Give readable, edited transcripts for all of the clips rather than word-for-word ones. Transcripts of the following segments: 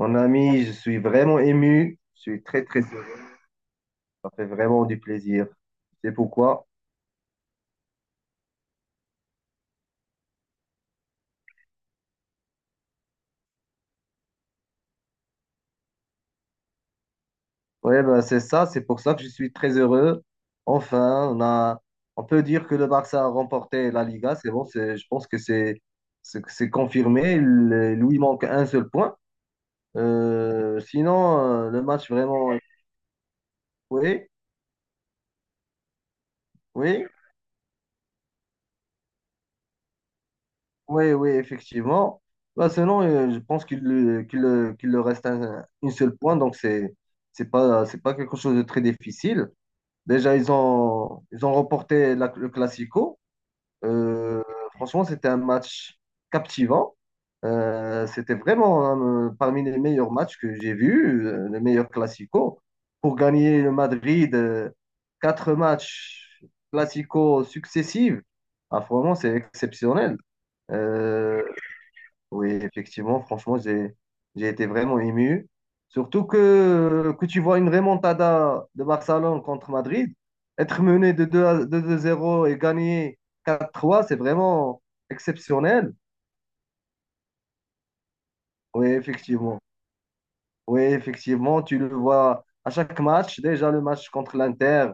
Mon ami, je suis vraiment ému. Je suis très, très heureux. Ça fait vraiment du plaisir. C'est pourquoi? Ouais, ben, c'est ça. C'est pour ça que je suis très heureux. Enfin, on peut dire que le Barça a remporté la Liga. C'est bon, c'est, je pense que c'est confirmé. Il lui manque un seul point. Sinon, le match vraiment. Oui, oui. Oui, oui, effectivement. Bah, sinon, je pense qu'il leur reste une seule point, donc c'est pas quelque chose de très difficile. Déjà, ils ont remporté le Classico. Euh, Franchement, c'était un match captivant. C'était vraiment hein, parmi les meilleurs matchs que j'ai vus, les meilleurs Clasico. Pour gagner le Madrid, quatre matchs Clasico successifs, ah, vraiment, c'est exceptionnel. Euh, oui, effectivement, franchement, j'ai été vraiment ému. Surtout que tu vois une remontada de Barcelone contre Madrid, être mené de 2-0 et gagner 4-3, c'est vraiment exceptionnel. Oui, effectivement. Oui, effectivement, tu le vois à chaque match. Déjà, le match contre l'Inter,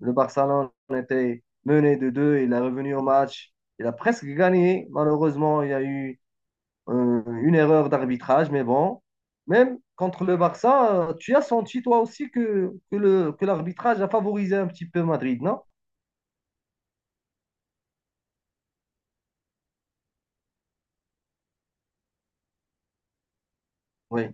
le Barcelone était mené de 2, il est revenu au match, il a presque gagné. Malheureusement, il y a eu une erreur d'arbitrage, mais bon, même contre le Barça, tu as senti toi aussi que l'arbitrage a favorisé un petit peu Madrid, non? Oui.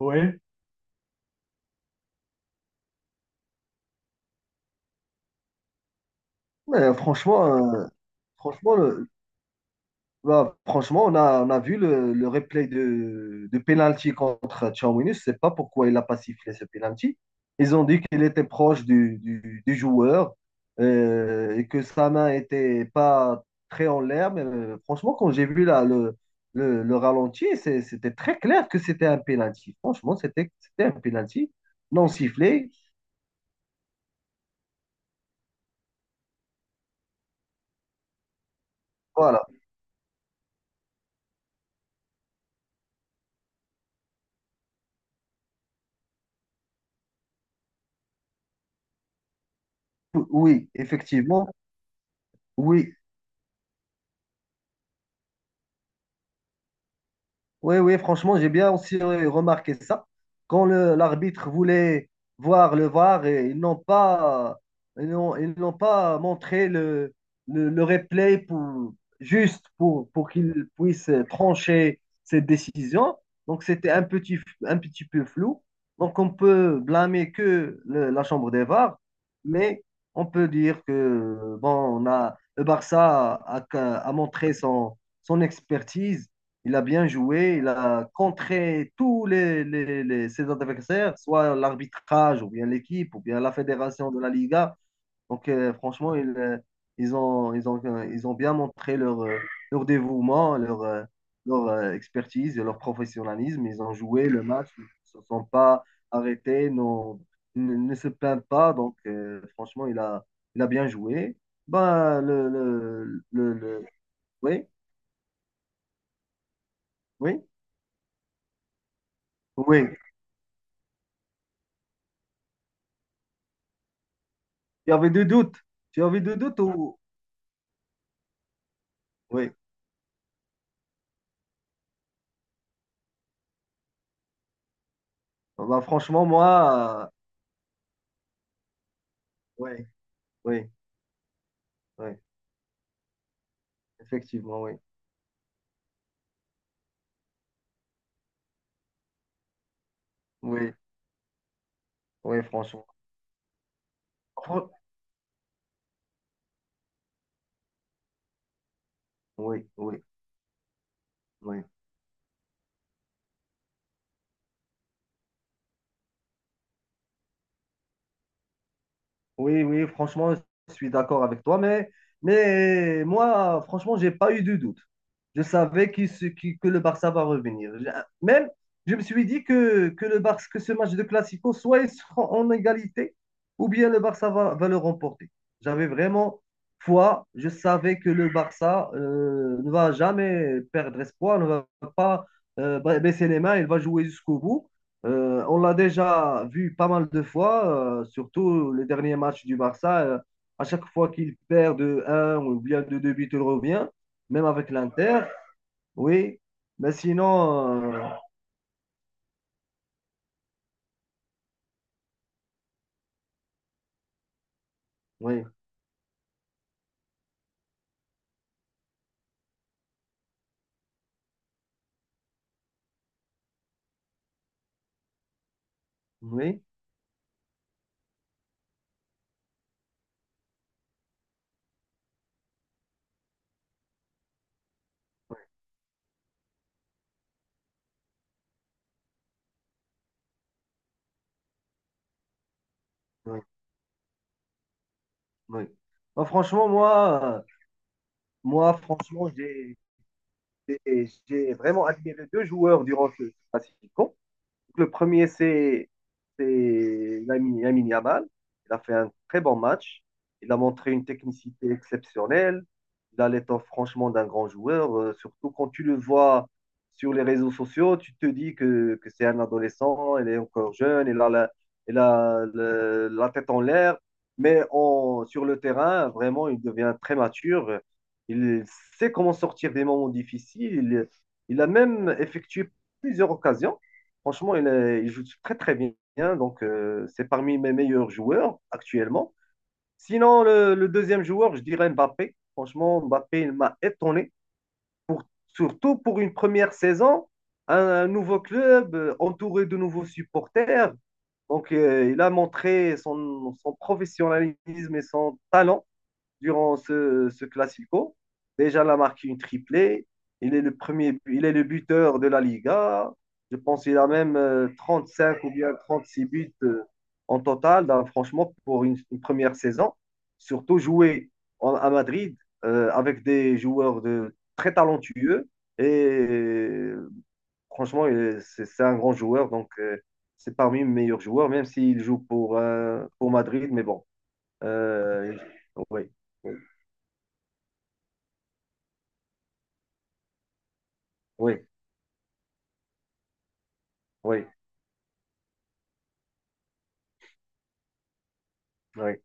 Oui. Mais franchement, euh, franchement, le, Bah, franchement, on a vu le replay de penalty contre Tchouaméni. Je ne sais pas pourquoi il n'a pas sifflé ce penalty. Ils ont dit qu'il était proche du joueur et que sa main était pas très en l'air. Mais franchement, quand j'ai vu là, le ralenti, c'était très clair que c'était un penalty. Franchement, c'était un penalty non sifflé. Voilà. Oui, effectivement. Oui, oui, oui, franchement, j'ai bien aussi remarqué ça. Quand l'arbitre voulait voir le VAR, et ils n'ont pas montré le replay pour qu'ils puissent trancher cette décision. Donc, c'était un petit peu flou. Donc, on peut blâmer que la chambre des VAR, mais on peut dire que bon, le Barça a montré son expertise. Il a bien joué, il a contré tous ses adversaires, soit l'arbitrage, ou bien l'équipe, ou bien la fédération de la Liga. Donc, franchement, ils ont bien montré leur dévouement, leur, leur expertise et leur professionnalisme. Ils ont joué le match, ils ne se sont pas arrêtés, ne se plaignent pas. Donc, franchement, il a bien joué. Ben, oui, oui, oui. Il y avait des doutes. Tu avais des doutes ou? Oui. Ah, bah, franchement, moi, oui, oui, oui. Effectivement, oui. Oui, oui, franchement. Fran- Oui, oui, oui. Oui, oui, franchement, je suis d'accord avec toi, mais moi, franchement, j'ai pas eu de doute. Je savais que le Barça va revenir. Même, je me suis dit que ce match de Classico, soit ils seront en égalité, ou bien le Barça va le remporter. J'avais vraiment foi, je savais que le Barça ne va jamais perdre espoir, ne va pas baisser les mains, il va jouer jusqu'au bout. On l'a déjà vu pas mal de fois, surtout les derniers matchs du Barça. À chaque fois qu'il perd de un, ou bien de 2 buts, il revient, même avec l'Inter. Oui, mais sinon, oui, oui, oui, oui. Bah, franchement, moi, franchement, j'ai vraiment admiré deux joueurs durant ce classico. Le premier, c'est Lamine Yamal. Il a fait un très bon match. Il a montré une technicité exceptionnelle. Il a l'étoffe franchement d'un grand joueur. Surtout quand tu le vois sur les réseaux sociaux, tu te dis que c'est un adolescent, il est encore jeune, il a la, il a le- la tête en l'air. Mais sur le terrain, vraiment, il devient très mature. Il sait comment sortir des moments difficiles. Il a même effectué plusieurs occasions. Franchement, il joue très très bien. Donc, c'est parmi mes meilleurs joueurs actuellement. Sinon, le deuxième joueur, je dirais Mbappé. Franchement, Mbappé, il m'a étonné. Surtout pour une première saison, un nouveau club, entouré de nouveaux supporters. Donc, il a montré son professionnalisme et son talent durant ce Classico. Déjà, il a marqué une triplée. Il est le premier, il est le buteur de la Liga. Je pense qu'il a même 35 ou bien 36 buts en total. Donc, franchement, pour une première saison. Surtout jouer à Madrid avec des joueurs très talentueux. Et franchement, il c'est un grand joueur. Donc, c'est parmi les meilleurs joueurs, même s'il joue pour Madrid. Mais bon, euh, oui. Oui, oui, oui.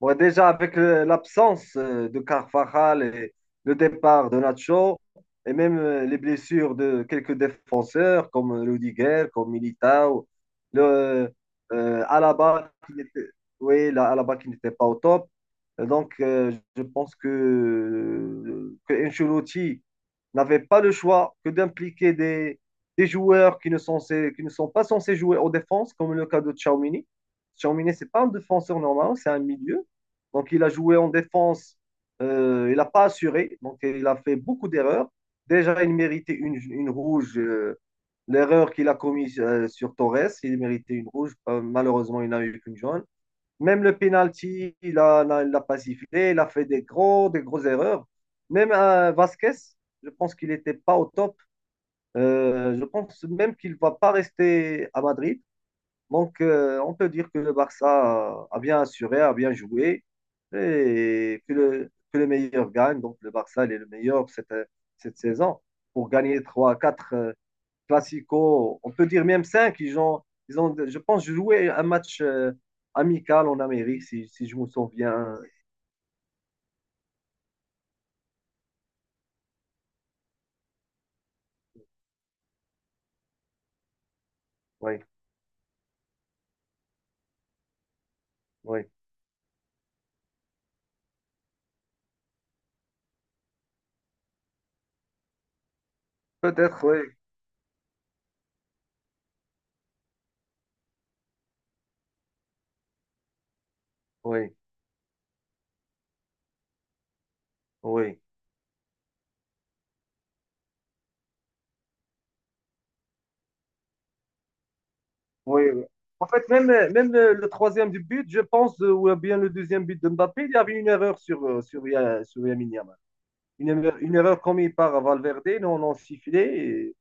Ouais, déjà, avec l'absence de Carvajal et le départ de Nacho, et même les blessures de quelques défenseurs comme Rudiger, comme Militao, le, Alaba qui n'était, oui, Alaba qui n'était pas au top. Et donc, je pense que Ancelotti n'avait pas le choix que d'impliquer des joueurs qui ne sont pas censés jouer en défense, comme le cas de Tchouaméni. Tchouaméni, c'est pas un défenseur normal, c'est un milieu. Donc, il a joué en défense. Il n'a pas assuré. Donc, il a fait beaucoup d'erreurs. Déjà, il méritait une rouge. L'erreur qu'il a commise sur Torres, il méritait une rouge. Malheureusement, il n'a eu qu'une jaune. Même le penalty, il n'a a, il l'a pas sifflé. Il a fait des grosses erreurs. Même Vasquez, je pense qu'il n'était pas au top. Je pense même qu'il ne va pas rester à Madrid. Donc, on peut dire que le Barça a bien assuré, a bien joué et que le meilleur gagne. Donc, le Barça, il est le meilleur cette saison pour gagner 3, 4 clasico. On peut dire même cinq. Ils ont, je pense, joué un match amical en Amérique, si je me souviens. Oui, oui. Peut-être, oui, oui, oui, oui. En fait, même le troisième du but, je pense, ou bien le deuxième but de Mbappé, il y avait une erreur sur Lamine Yamal. Une erreur commise par Valverde, nous on l'a sifflé. Et,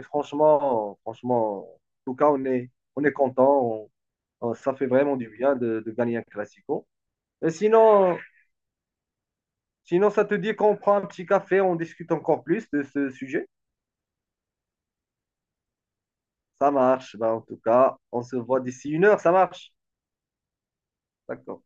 et franchement, en tout cas, on est content. Ça fait vraiment du bien de gagner un classico. Et sinon, ça te dit qu'on prend un petit café, on discute encore plus de ce sujet? Ça marche. Ben, en tout cas, on se voit d'ici une heure. Ça marche. D'accord.